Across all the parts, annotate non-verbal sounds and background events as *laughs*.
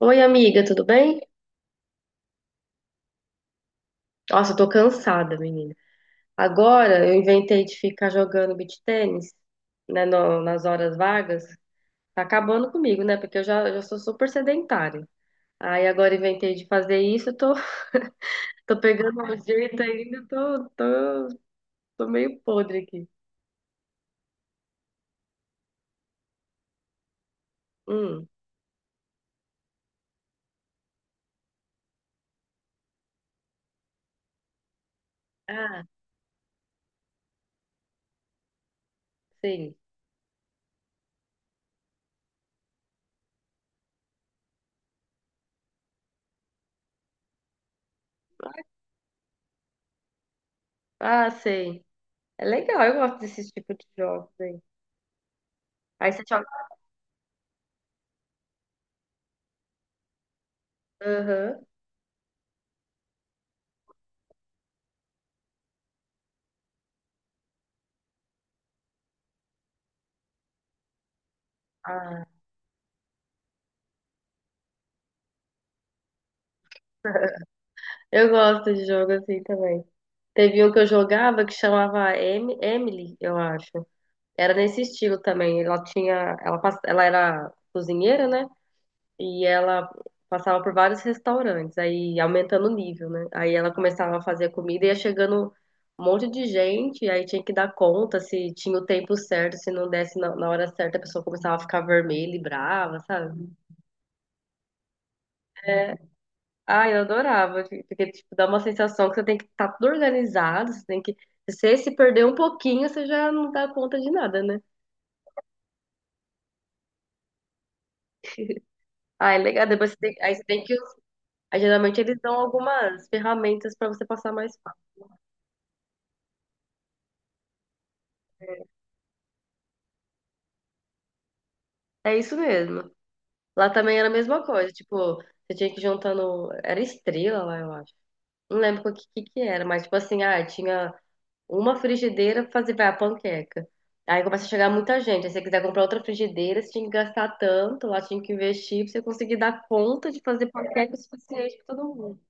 Oi, amiga, tudo bem? Nossa, eu tô cansada, menina. Agora eu inventei de ficar jogando beach tênis, né, nas horas vagas. Tá acabando comigo, né? Porque eu já sou super sedentária. Aí agora inventei de fazer isso, eu tô, *laughs* tô pegando um jeito ainda, tô meio podre aqui. Hum. Ah, sim. Ah, sei. É legal, eu gosto desse tipo de jogos aí. Aí você joga. Aham. Ah, eu gosto de jogo assim também. Teve um que eu jogava que chamava Emily, eu acho. Era nesse estilo também. Ela tinha, ela, ela era cozinheira, né? E ela passava por vários restaurantes, aí aumentando o nível, né? Aí ela começava a fazer comida e ia chegando um monte de gente, e aí tinha que dar conta se tinha o tempo certo, se não desse na hora certa, a pessoa começava a ficar vermelha e brava, sabe? É, ah, eu adorava, porque tipo, dá uma sensação que você tem que estar tudo organizado, você tem que se você se perder um pouquinho, você já não dá conta de nada, né? Ah, é legal. Depois você tem, aí você tem que. Aí, geralmente eles dão algumas ferramentas para você passar mais fácil. É isso mesmo. Lá também era a mesma coisa, tipo, você tinha que ir juntando. Era estrela lá, eu acho. Não lembro o que, que era, mas tipo assim, ah, tinha. Uma frigideira fazer, vai, a panqueca. Aí começa a chegar muita gente. Aí se você quiser comprar outra frigideira, você tinha que gastar tanto, lá tinha que investir pra você conseguir dar conta de fazer panqueca o suficiente pra todo mundo.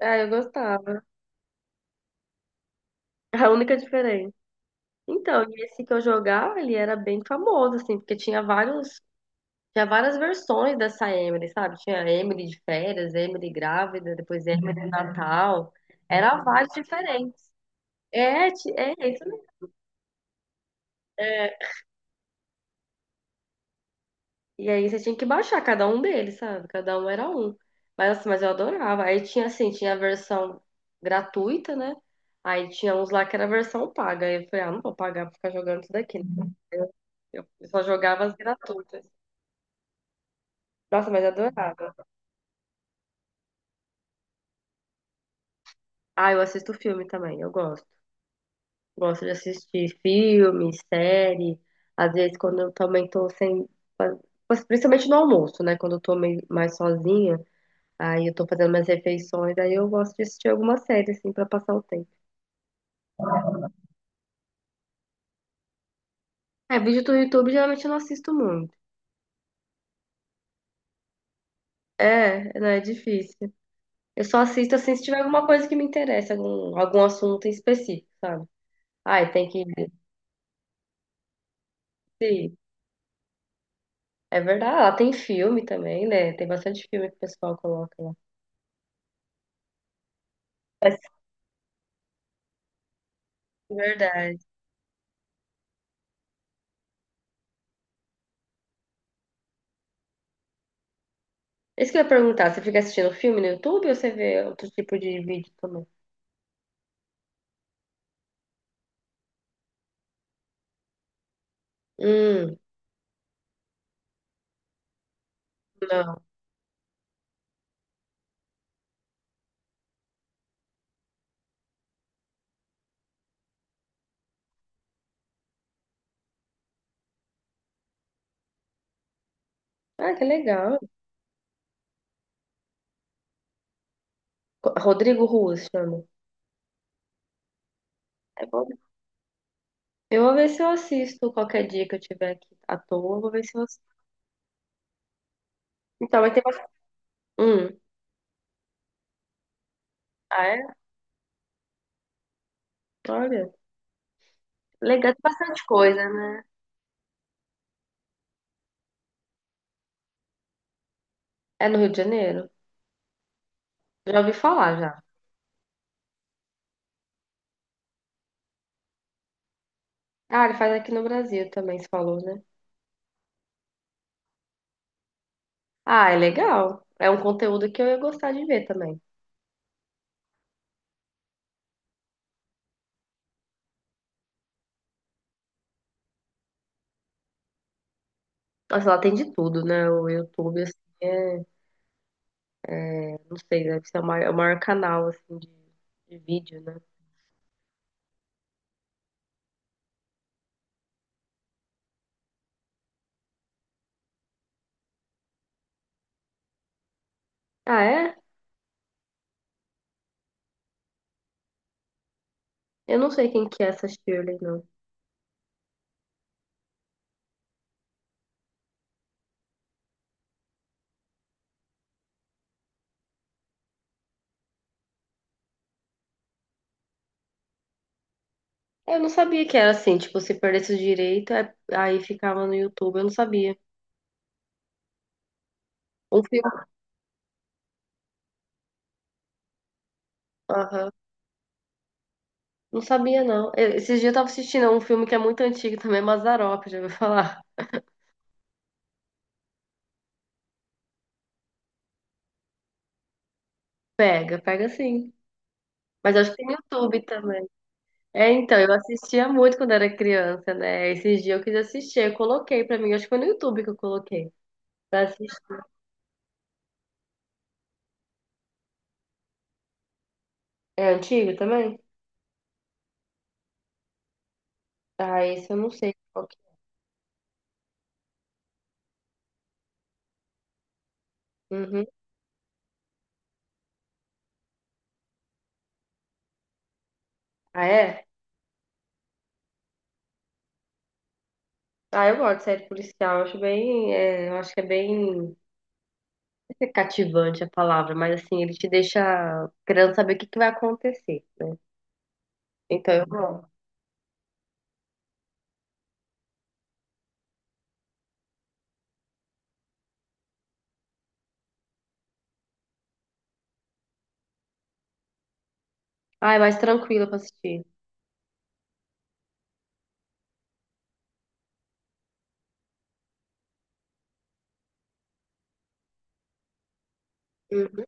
Ah, eu gostava. A única diferença. Então, e esse que eu jogava, ele era bem famoso, assim, porque tinha vários, tinha várias versões dessa Emily, sabe? Tinha Emily de férias, Emily grávida, depois Emily de Natal. Era vários diferentes. É, é isso mesmo. E aí você tinha que baixar cada um deles, sabe? Cada um era um. Mas assim, mas eu adorava. Aí tinha assim, tinha a versão gratuita, né? Aí tinha uns lá que era a versão paga. Aí eu falei, ah, não vou pagar pra ficar jogando isso daqui, né? Eu só jogava as gratuitas. Nossa, mas eu adorava. Ah, eu assisto filme também, eu gosto. Gosto de assistir filme, série. Às vezes quando eu também tô sem. Principalmente no almoço, né? Quando eu tô mais sozinha. Aí eu tô fazendo minhas refeições, aí eu gosto de assistir alguma série, assim, pra passar o tempo. É, vídeo do YouTube geralmente eu não assisto muito. É, não é difícil. Eu só assisto, assim, se tiver alguma coisa que me interessa, algum, algum assunto em específico, sabe? Ai, tem que... Sim, é verdade. Lá tem filme também, né? Tem bastante filme que o pessoal coloca lá. É verdade. Isso que eu ia perguntar, você fica assistindo filme no YouTube ou você vê outro tipo de vídeo também? Hum, não. Ah, que legal. Rodrigo Ruas chama. É bom. Eu vou ver se eu assisto qualquer dia que eu tiver aqui à toa. Eu vou ver se eu assisto. Então, vai ter bastante. Hum. Ah, é? Olha. Legal, tem bastante coisa, né? É no Rio de Janeiro? Já ouvi falar, já. Ah, ele faz aqui no Brasil também, se falou, né? Ah, é legal. É um conteúdo que eu ia gostar de ver também. Nossa, lá tem de tudo, né? O YouTube, assim, é... Não sei, deve ser o maior, é o maior canal, assim, de vídeo, né? Ah, é? Eu não sei quem que é essa Shirley, não. Eu não sabia que era assim, tipo, se perdesse o direito, aí ficava no YouTube, eu não sabia. Um filme, aham, não sabia não. Esses dias eu tava assistindo um filme que é muito antigo também, é Mazzaropi, já ouviu falar? Pega, pega sim. Mas acho que tem no YouTube também. É, então, eu assistia muito quando era criança, né? Esses dias eu quis assistir, eu coloquei pra mim, acho que foi no YouTube que eu coloquei. Pra assistir. É antigo também? Ah, esse eu não sei qual que é. Uhum. Ah, é? Ah, eu gosto de série policial, eu acho bem, é, eu acho que é bem é cativante a palavra, mas assim, ele te deixa querendo saber o que vai acontecer. Então eu vou. Ah, é mais tranquila pra assistir. Uhum.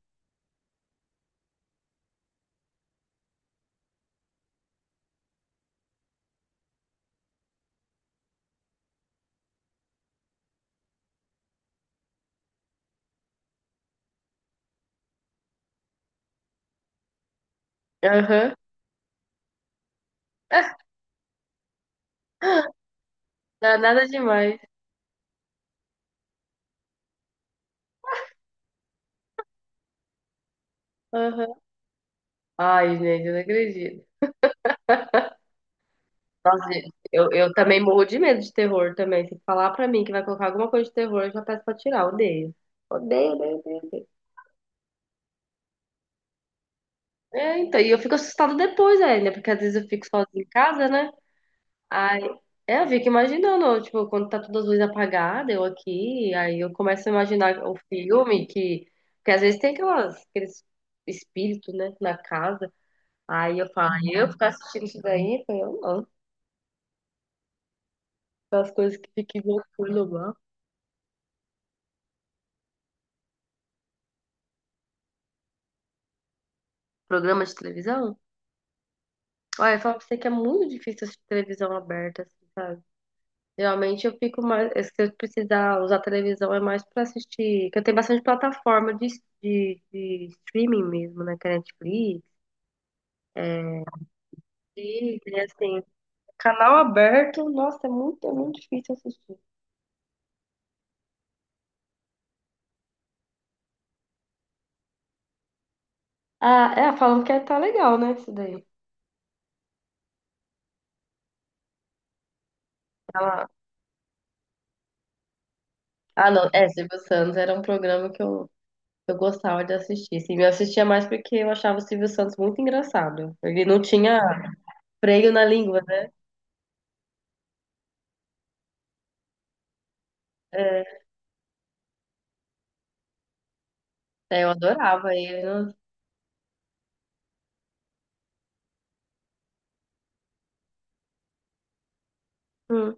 Aham. *laughs* Não, nada demais. Aham. Ai, gente, eu não acredito. Nossa, eu também morro de medo de terror também. Se falar pra mim que vai colocar alguma coisa de terror, eu já peço pra tirar. Odeio. Odeio, odeio, odeio, odeio. É, então, e eu fico assustada depois ainda, porque às vezes eu fico sozinha em casa, né? Aí, é, eu fico imaginando, tipo, quando tá todas as luzes apagadas, eu aqui, aí eu começo a imaginar o filme que às vezes tem aquelas, aqueles espíritos, né, na casa. Aí eu falo, aí eu ficar assistindo isso daí, eu falo, eu não, aquelas coisas que ficam loucura lá. Programa de televisão? Olha, eu falo pra você que é muito difícil assistir televisão aberta, assim, sabe? Geralmente eu fico mais, se eu precisar usar televisão é mais pra assistir, que eu tenho bastante plataforma de, de streaming mesmo, né, que é Netflix, E, e, assim, canal aberto, nossa, é muito difícil assistir. Ah, é, falam que tá legal, né, isso daí. Ela- ah, não, é, Silvio Santos era um programa que eu gostava de assistir. Sim, eu assistia mais porque eu achava o Silvio Santos muito engraçado. Ele não tinha freio na língua, né? É, é, eu adorava ele. Não- hum.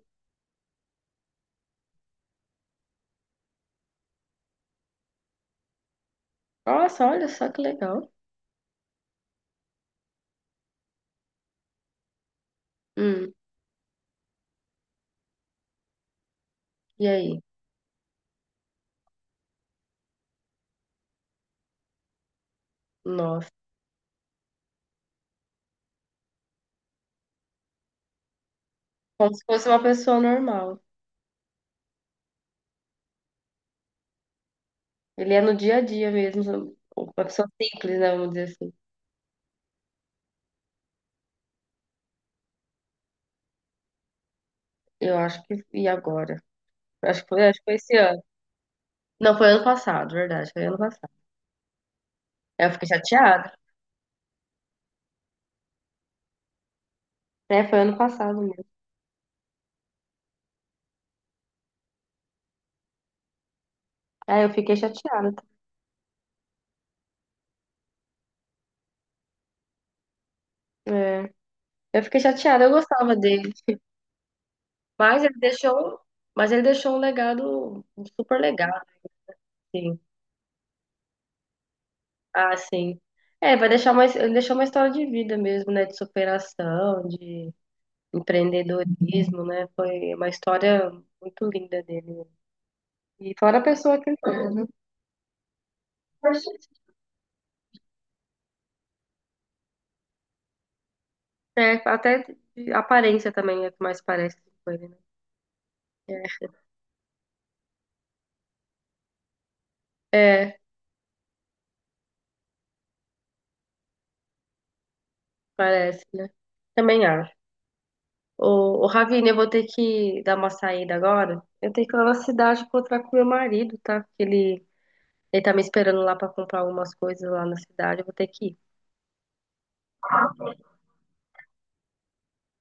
Nossa, olha só que legal. Hum. E aí? Nossa, como se fosse uma pessoa normal. Ele é no dia a dia mesmo, uma pessoa simples, né, vamos dizer assim. Eu acho que. E agora? Acho que foi esse ano. Não, foi ano passado, verdade. Foi ano passado. Aí eu fiquei chateada. É, foi ano passado mesmo. Aí eu fiquei chateada. É. Eu fiquei chateada, eu gostava dele. Mas ele deixou. Mas ele deixou um legado super legal, assim. Ah, sim. É, vai deixar mais ele deixou uma história de vida mesmo, né? De superação, de empreendedorismo, né? Foi uma história muito linda dele. E fora a pessoa que ele foi, né? É, até a aparência também é que mais parece com ele, né? É, é, parece, né? Também acho. Ô, ô Ravine, eu vou ter que dar uma saída agora. Eu tenho que ir lá na cidade encontrar com meu marido, tá? Porque ele tá me esperando lá pra comprar algumas coisas lá na cidade. Eu vou ter que ir.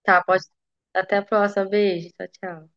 Tá, pode. Até a próxima. Beijo. Tchau, tchau.